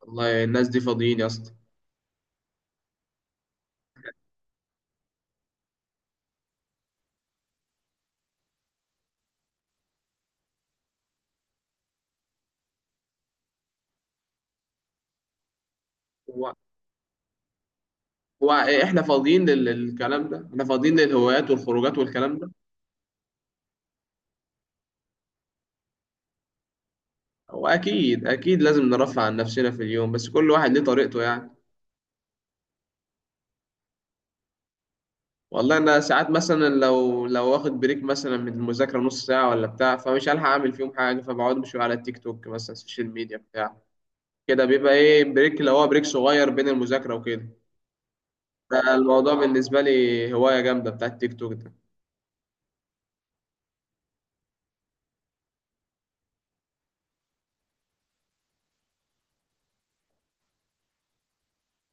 والله الناس دي فاضيين يا اسطى. هو هو احنا فاضيين للكلام ده؟ احنا فاضيين للهوايات والخروجات والكلام ده؟ هو اكيد لازم نرفع عن نفسنا في اليوم، بس كل واحد ليه طريقته يعني. والله انا ساعات مثلا لو واخد بريك مثلا من المذاكره نص ساعه ولا بتاع، فمش هلحق اعمل فيهم حاجه، فبقعد بشويه على التيك توك مثلا، السوشيال ميديا بتاع كده. بيبقى ايه، بريك اللي هو بريك صغير بين المذاكره وكده. ده الموضوع بالنسبه لي هوايه جامده بتاع التيك توك ده.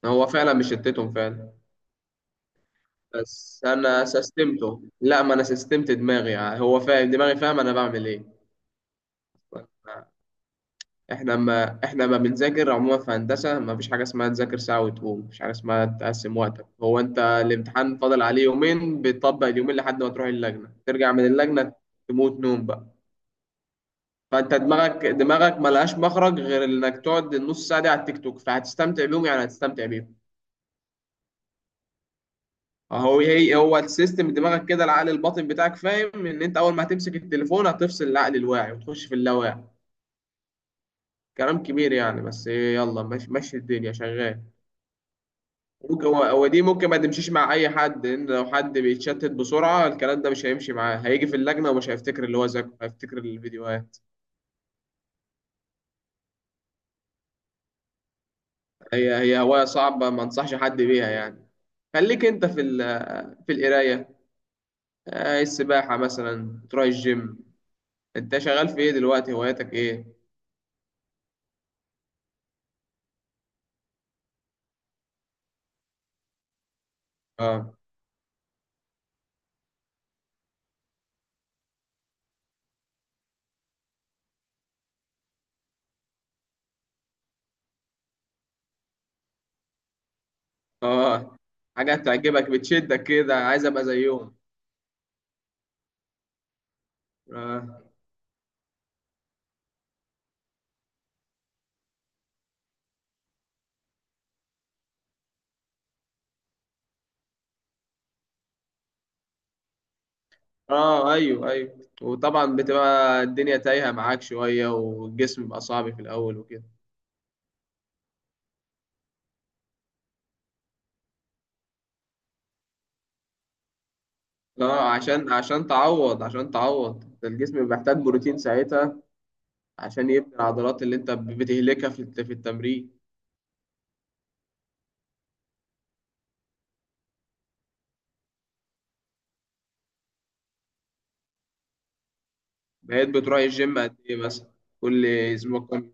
هو فعلا مشتتهم فعلا. بس انا سستمته، لا ما انا سستمت دماغي يعني، هو فاهم دماغي، فاهم انا بعمل ايه. احنا ما بنذاكر عموما في هندسه، ما فيش حاجه اسمها تذاكر ساعه وتقوم، مفيش حاجه اسمها تقسم وقتك، هو انت الامتحان فاضل عليه يومين بتطبق اليومين لحد ما تروح اللجنه، ترجع من اللجنه تموت نوم بقى. فانت دماغك ما لهاش مخرج غير انك تقعد النص ساعه دي على التيك توك، فهتستمتع بيهم يعني هتستمتع بيهم. هو هي ايه، هو السيستم دماغك كده، العقل الباطن بتاعك فاهم ان انت اول ما هتمسك التليفون هتفصل العقل الواعي وتخش في اللاواعي. كلام كبير يعني بس إيه، يلا ماشي ماشي الدنيا شغال. ممكن هو دي ممكن ما تمشيش مع اي حد، لان لو حد بيتشتت بسرعه الكلام ده مش هيمشي معاه، هيجي في اللجنه ومش هيفتكر اللي هو ذاكره، هيفتكر الفيديوهات. هي هوايه صعبه ما انصحش حد بيها يعني. خليك انت في القرايه. آه، السباحه مثلا، تروح الجيم. انت شغال في ايه دلوقتي؟ هواياتك ايه؟ اه. اه. حاجة تعجبك بتشدك كده، عايز ابقى زيهم. اه. اه. ايوه ايوه، وطبعا بتبقى الدنيا تايهة معاك شوية والجسم بيبقى صعب في الاول وكده. اه، عشان تعوض، عشان تعوض الجسم بيحتاج بروتين ساعتها. عشان يبني العضلات اللي انت بتهلكها في التمرين. بقيت بتروح الجيم قد ايه مثلا؟ كل اسبوع كم؟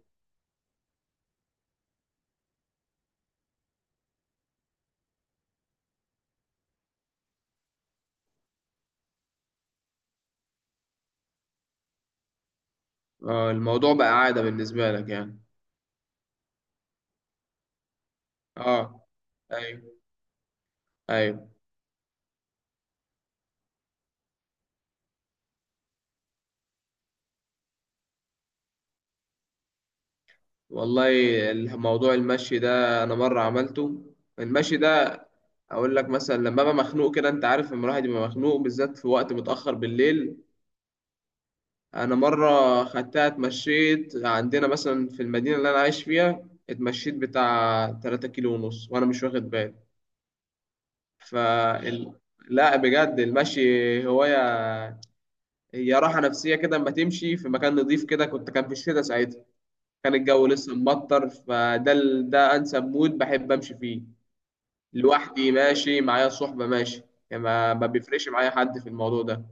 اه. الموضوع بقى عادة بالنسبة لك يعني. اه ايوه ايوه. والله الموضوع المشي ده انا مره عملته. المشي ده، اقول لك مثلا لما ابقى مخنوق كده، انت عارف لما الواحد يبقى مخنوق بالذات في وقت متاخر بالليل. انا مره خدتها اتمشيت عندنا مثلا في المدينه اللي انا عايش فيها، اتمشيت بتاع 3 كيلو ونص وانا مش واخد بالي. ف ال- لا بجد المشي هوايه، هي راحه نفسيه كده اما تمشي في مكان نظيف كده. كنت كان في الشتاء ساعتها، كان الجو لسه مبطر، ده انسب مود بحب امشي فيه. لوحدي ماشي، معايا صحبة ماشي، يعني ما بيفرقش معايا حد في الموضوع ده.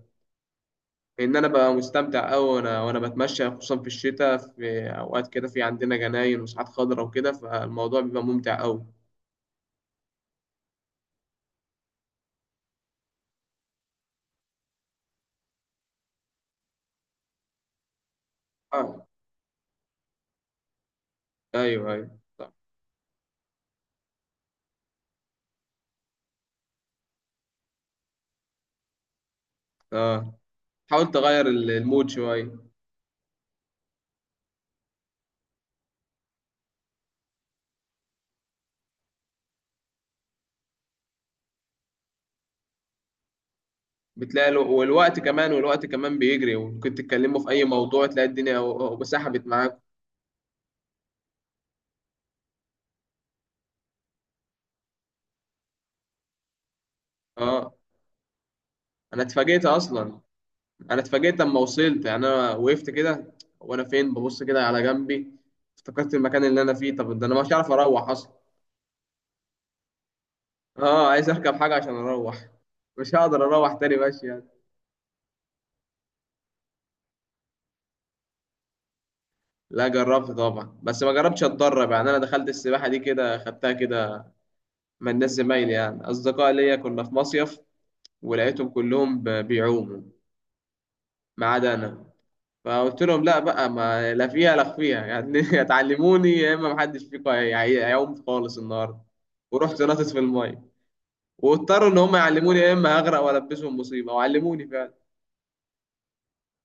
لأن أنا ببقى مستمتع أوي، وأنا بتمشى خصوصا في الشتاء، في أوقات كده في عندنا جناين وساعات خضرا وكده، فالموضوع بيبقى ممتع أوي. آه أيوه أيوه صح. آه، حاول تغير المود شوية. بتلاقي والوقت كمان، والوقت كمان بيجري وممكن تتكلموا في أي موضوع، تلاقي الدنيا وسحبت معاك. آه. أنا اتفاجئت أصلا، انا اتفاجئت لما وصلت يعني، انا وقفت كده وانا فين، ببص كده على جنبي، افتكرت المكان اللي انا فيه، طب ده انا مش عارف اروح اصلا. اه عايز اركب حاجه عشان اروح، مش هقدر اروح تاني ماشي يعني. لا جربت طبعا، بس ما جربتش اتدرب يعني، انا دخلت السباحه دي كده خدتها كده من ناس زمايلي يعني اصدقاء ليا، كنا في مصيف ولقيتهم كلهم بيعوموا ما عدا انا. فقلت لهم لا بقى، ما لا فيها لا فيها يعني، يا تعلموني يا اما محدش فيكم هيعوم خالص النهارده. ورحت نطت في الميه، واضطروا ان هم يعلموني يا اما هغرق والبسهم مصيبه، وعلموني فعلا.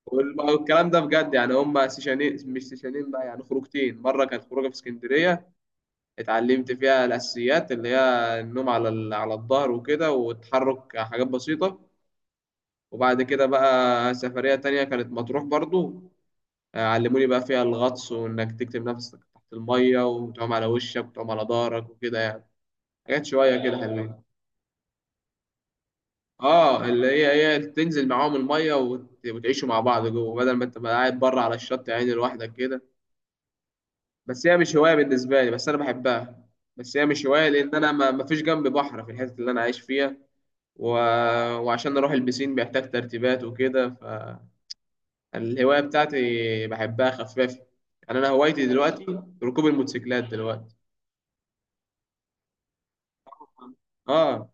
والكلام ده بجد يعني، هم سيشانين مش سيشانين بقى يعني، خروجتين. مره كانت خروجه في اسكندريه، اتعلمت فيها الاساسيات اللي هي النوم على على الظهر وكده والتحرك، حاجات بسيطه. وبعد كده بقى سفريه تانية كانت مطروح برضو، آه، علموني بقى فيها الغطس، وانك تكتم نفسك تحت الميه وتقوم على وشك وتقوم على ظهرك وكده يعني، حاجات شويه كده حلوين. اه، اللي هي هي تنزل معاهم الميه وتعيشوا مع بعض جوه بدل ما انت بقى قاعد بره على الشط يعني لوحدك كده. بس هي مش هوايه بالنسبه لي، بس انا بحبها. بس هي مش هوايه لان انا ما فيش جنبي بحر في الحته اللي انا عايش فيها. و... وعشان اروح البسين بيحتاج ترتيبات وكده، فالهوايه بتاعتي بحبها خفافه. يعني انا هوايتي دلوقتي ركوب الموتوسيكلات دلوقتي. اه،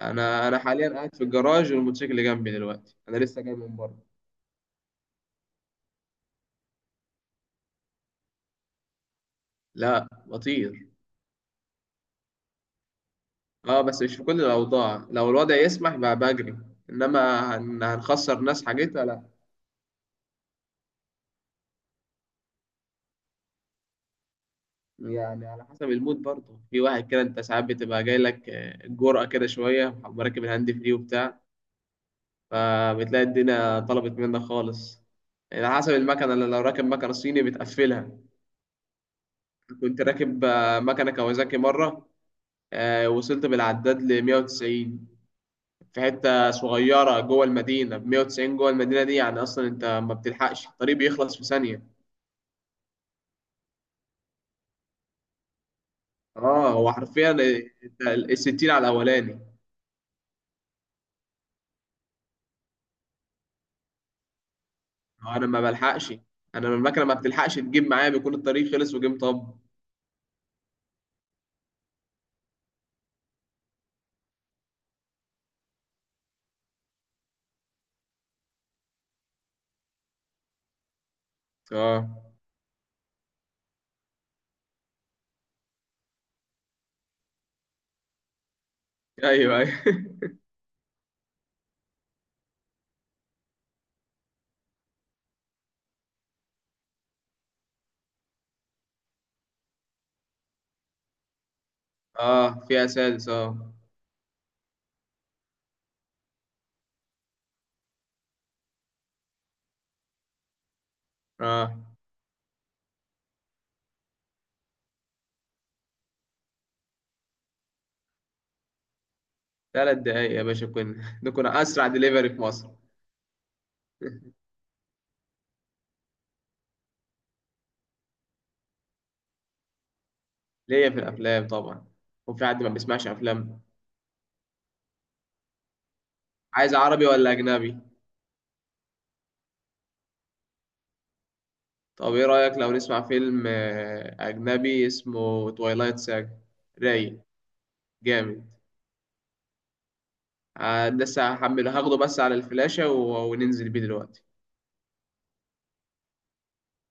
انا حاليا قاعد في الجراج والموتوسيكل جنبي دلوقتي، انا لسه جاي من بره. لا بطير. اه بس مش في كل الاوضاع، لو الوضع يسمح بقى بجري، انما هنخسر ناس حاجتها لا. يعني على حسب المود برضه، في واحد كده انت ساعات بتبقى جاي لك آه، الجرأة كده شويه، مركب الهاند فري وبتاع، فبتلاقي الدنيا طلبت منك خالص. يعني على حسب المكنه، اللي لو راكب مكنه صيني بتقفلها. كنت راكب آه، مكنه كawasaki مره، آه، وصلت بالعداد ل 190 في حته صغيره جوه المدينه، ب 190 جوه المدينه دي يعني اصلا انت ما بتلحقش، الطريق بيخلص في ثانيه. اه هو حرفيا، انت الستين على الاولاني. هو انا ما بلحقش، انا المكنه ما بتلحقش تجيب معايا، بيكون الطريق خلص وجيم طب. اه ايوه ايوه. اه فيها سادس اه. اه ثلاث دقايق يا باشا كنا، ده كنا اسرع دليفري في مصر. ليا في الافلام طبعا، وفي حد ما بيسمعش افلام؟ عايز عربي ولا اجنبي؟ طب ايه رايك لو نسمع فيلم آه، اجنبي اسمه تويلايت ساج؟ رايق، جامد. آه، لسه هحمله هاخده بس على الفلاشة وننزل بيه دلوقتي.